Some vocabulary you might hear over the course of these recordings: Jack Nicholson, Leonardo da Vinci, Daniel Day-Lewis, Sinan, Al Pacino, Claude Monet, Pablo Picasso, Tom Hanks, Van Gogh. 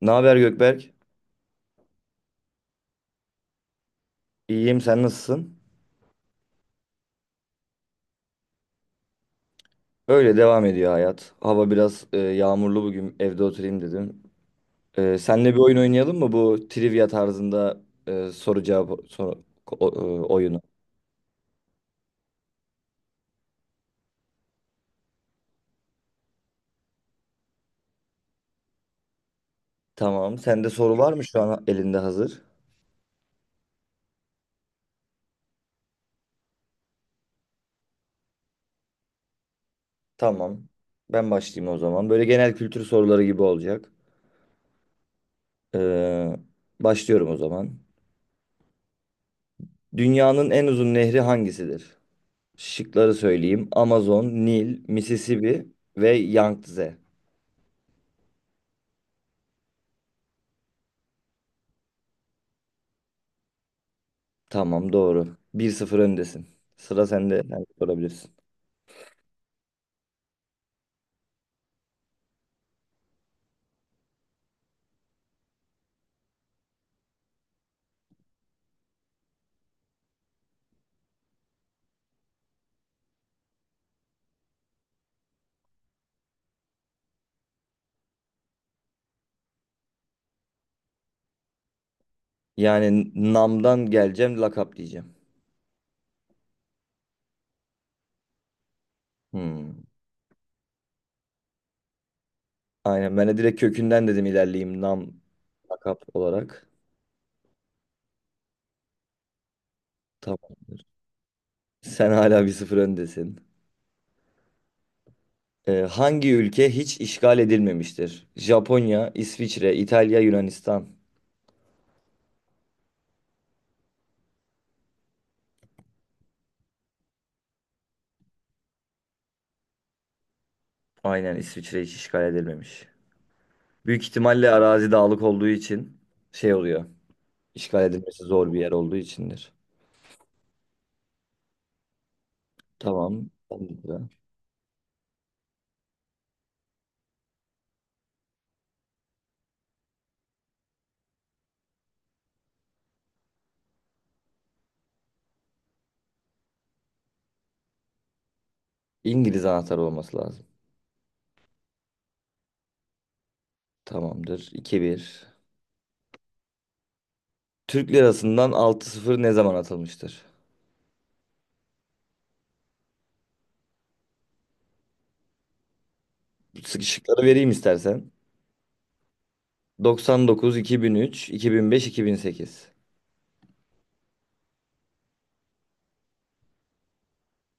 Ne haber Gökberk? İyiyim, sen nasılsın? Öyle devam ediyor hayat. Hava biraz yağmurlu bugün. Evde oturayım dedim. Senle bir oyun oynayalım mı bu trivia tarzında soru cevap soru, oyunu? Tamam. Sende soru var mı şu an elinde hazır? Tamam. Ben başlayayım o zaman. Böyle genel kültür soruları gibi olacak. E, başlıyorum o zaman. Dünyanın en uzun nehri hangisidir? Şıkları söyleyeyim. Amazon, Nil, Mississippi ve Yangtze. Tamam, doğru. 1-0 öndesin. Sıra sende. Sen sorabilirsin. Yani namdan geleceğim, lakap diyeceğim. Hmm. Aynen, ben de direkt kökünden dedim, ilerleyeyim nam lakap olarak. Tamamdır. Sen hala 1-0 öndesin. Hangi ülke hiç işgal edilmemiştir? Japonya, İsviçre, İtalya, Yunanistan. Aynen, İsviçre hiç işgal edilmemiş. Büyük ihtimalle arazi dağlık olduğu için şey oluyor. İşgal edilmesi zor bir yer olduğu içindir. Tamam. Ben de sıra. İngiliz anahtarı olması lazım. Tamamdır. 2 bir. Türk lirasından altı sıfır ne zaman atılmıştır? Sıkışıkları vereyim istersen. 99, iki iki bin bin üç, 2005, 2008.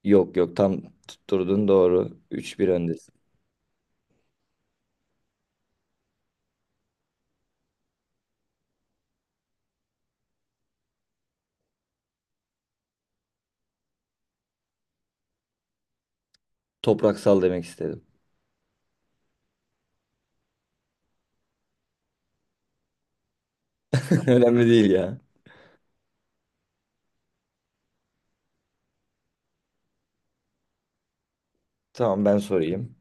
Yok yok, tam tutturdun, doğru. 3-1 öndesin. Topraksal demek istedim. Önemli değil ya. Tamam, ben sorayım.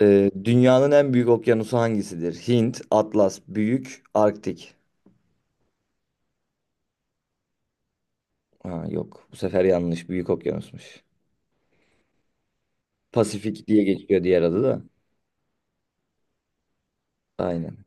Dünyanın en büyük okyanusu hangisidir? Hint, Atlas, Büyük, Arktik. Ha, yok, bu sefer yanlış. Büyük okyanusmuş. Pasifik diye geçiyor diğer adı da. Aynen.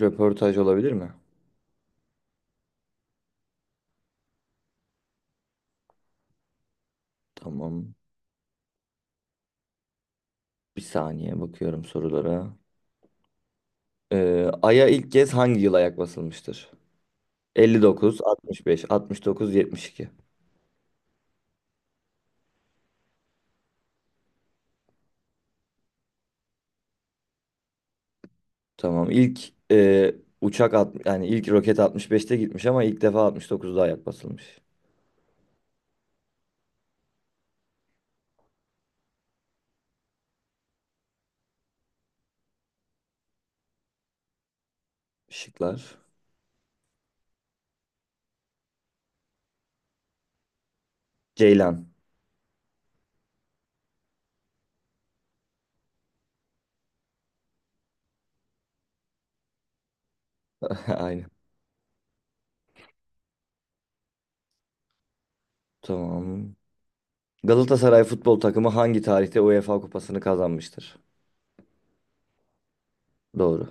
Röportaj olabilir mi? Tamam. Bir saniye bakıyorum sorulara. Ay'a ilk kez hangi yıl ayak basılmıştır? 59, 65, 69, 72. Tamam. İlk yani ilk roket 65'te gitmiş ama ilk defa 69'da ayak basılmış. Şıklar. Ceylan. Aynen. Tamam. Galatasaray futbol takımı hangi tarihte UEFA Kupası'nı kazanmıştır? Doğru.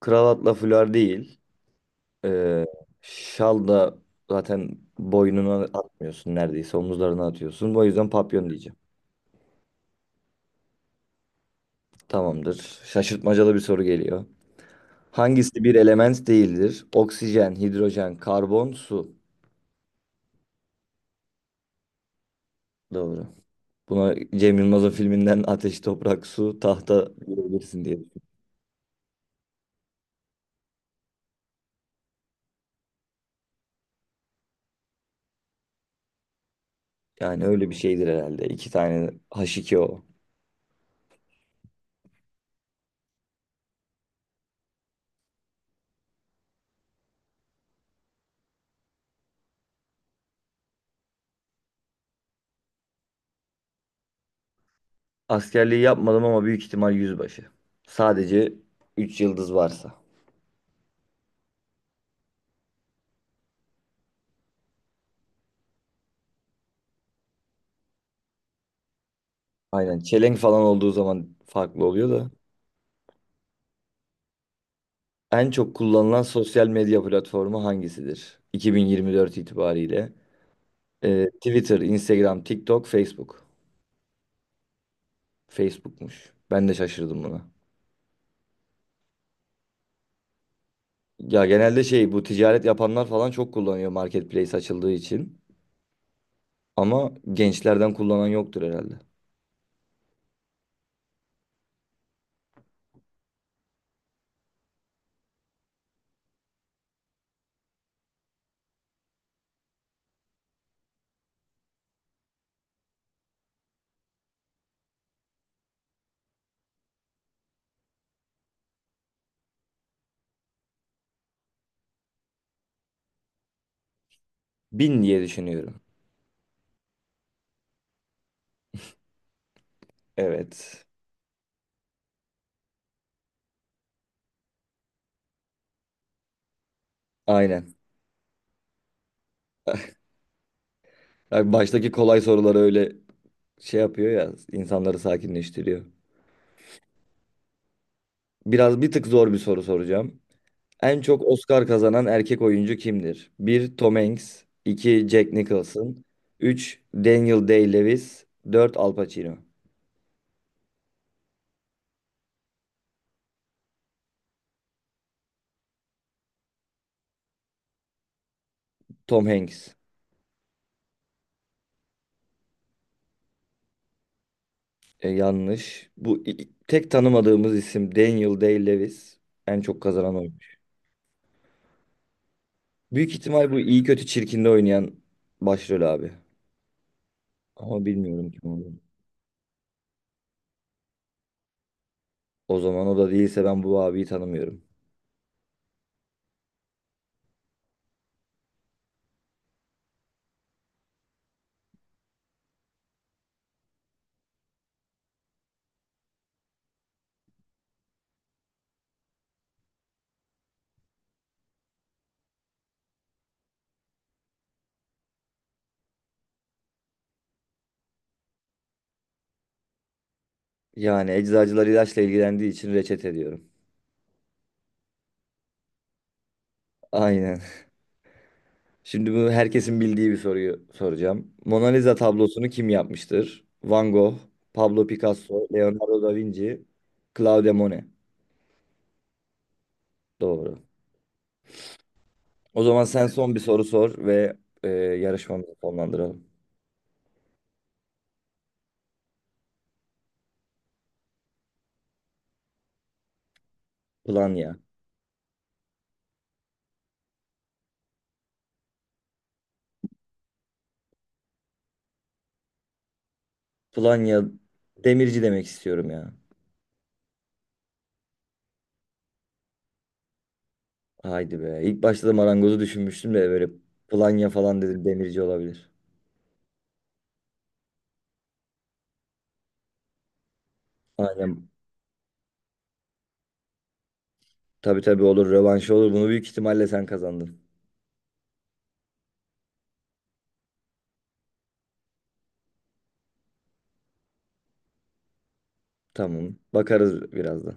Kravatla, fular değil. Ee, şal da zaten boynuna atmıyorsun, neredeyse omuzlarına atıyorsun. O yüzden papyon diyeceğim. Tamamdır. Şaşırtmacalı bir soru geliyor. Hangisi bir element değildir? Oksijen, hidrojen, karbon, su. Doğru. Buna Cem Yılmaz'ın filminden ateş, toprak, su, tahta diyebilirsin diye düşünüyorum. Yani öyle bir şeydir herhalde. İki tane H2O. Askerliği yapmadım ama büyük ihtimal yüzbaşı. Sadece 3 yıldız varsa. Aynen, çelenk falan olduğu zaman farklı oluyor da. En çok kullanılan sosyal medya platformu hangisidir? 2024 itibariyle. Twitter, Instagram, TikTok, Facebook. Facebook'muş. Ben de şaşırdım buna. Ya genelde şey, bu ticaret yapanlar falan çok kullanıyor, marketplace açıldığı için. Ama gençlerden kullanan yoktur herhalde. Bin diye düşünüyorum. Evet. Aynen. Abi, baştaki kolay soruları öyle şey yapıyor ya, insanları sakinleştiriyor. Biraz bir tık zor bir soru soracağım. En çok Oscar kazanan erkek oyuncu kimdir? Bir Tom Hanks, 2 Jack Nicholson, 3 Daniel Day-Lewis, 4 Al Pacino. Tom Hanks. Yanlış. Bu tek tanımadığımız isim Daniel Day-Lewis, en çok kazanan oyuncu. Büyük ihtimal bu iyi kötü çirkinde oynayan başrol abi. Ama bilmiyorum kim olduğunu. O zaman o da değilse ben bu abiyi tanımıyorum. Yani eczacılar ilaçla ilgilendiği için reçete diyorum. Aynen. Şimdi bunu herkesin bildiği bir soruyu soracağım. Mona Lisa tablosunu kim yapmıştır? Van Gogh, Pablo Picasso, Leonardo da Vinci, Claude Monet. Doğru. O zaman sen son bir soru sor ve yarışmamızı sonlandıralım. Planya. Planya, demirci demek istiyorum ya. Haydi be. İlk başta da marangozu düşünmüştüm de böyle Planya falan dedim, demirci olabilir. Aynen. Tabii tabii, olur. Rövanşı olur. Bunu büyük ihtimalle sen kazandın. Tamam. Bakarız birazdan.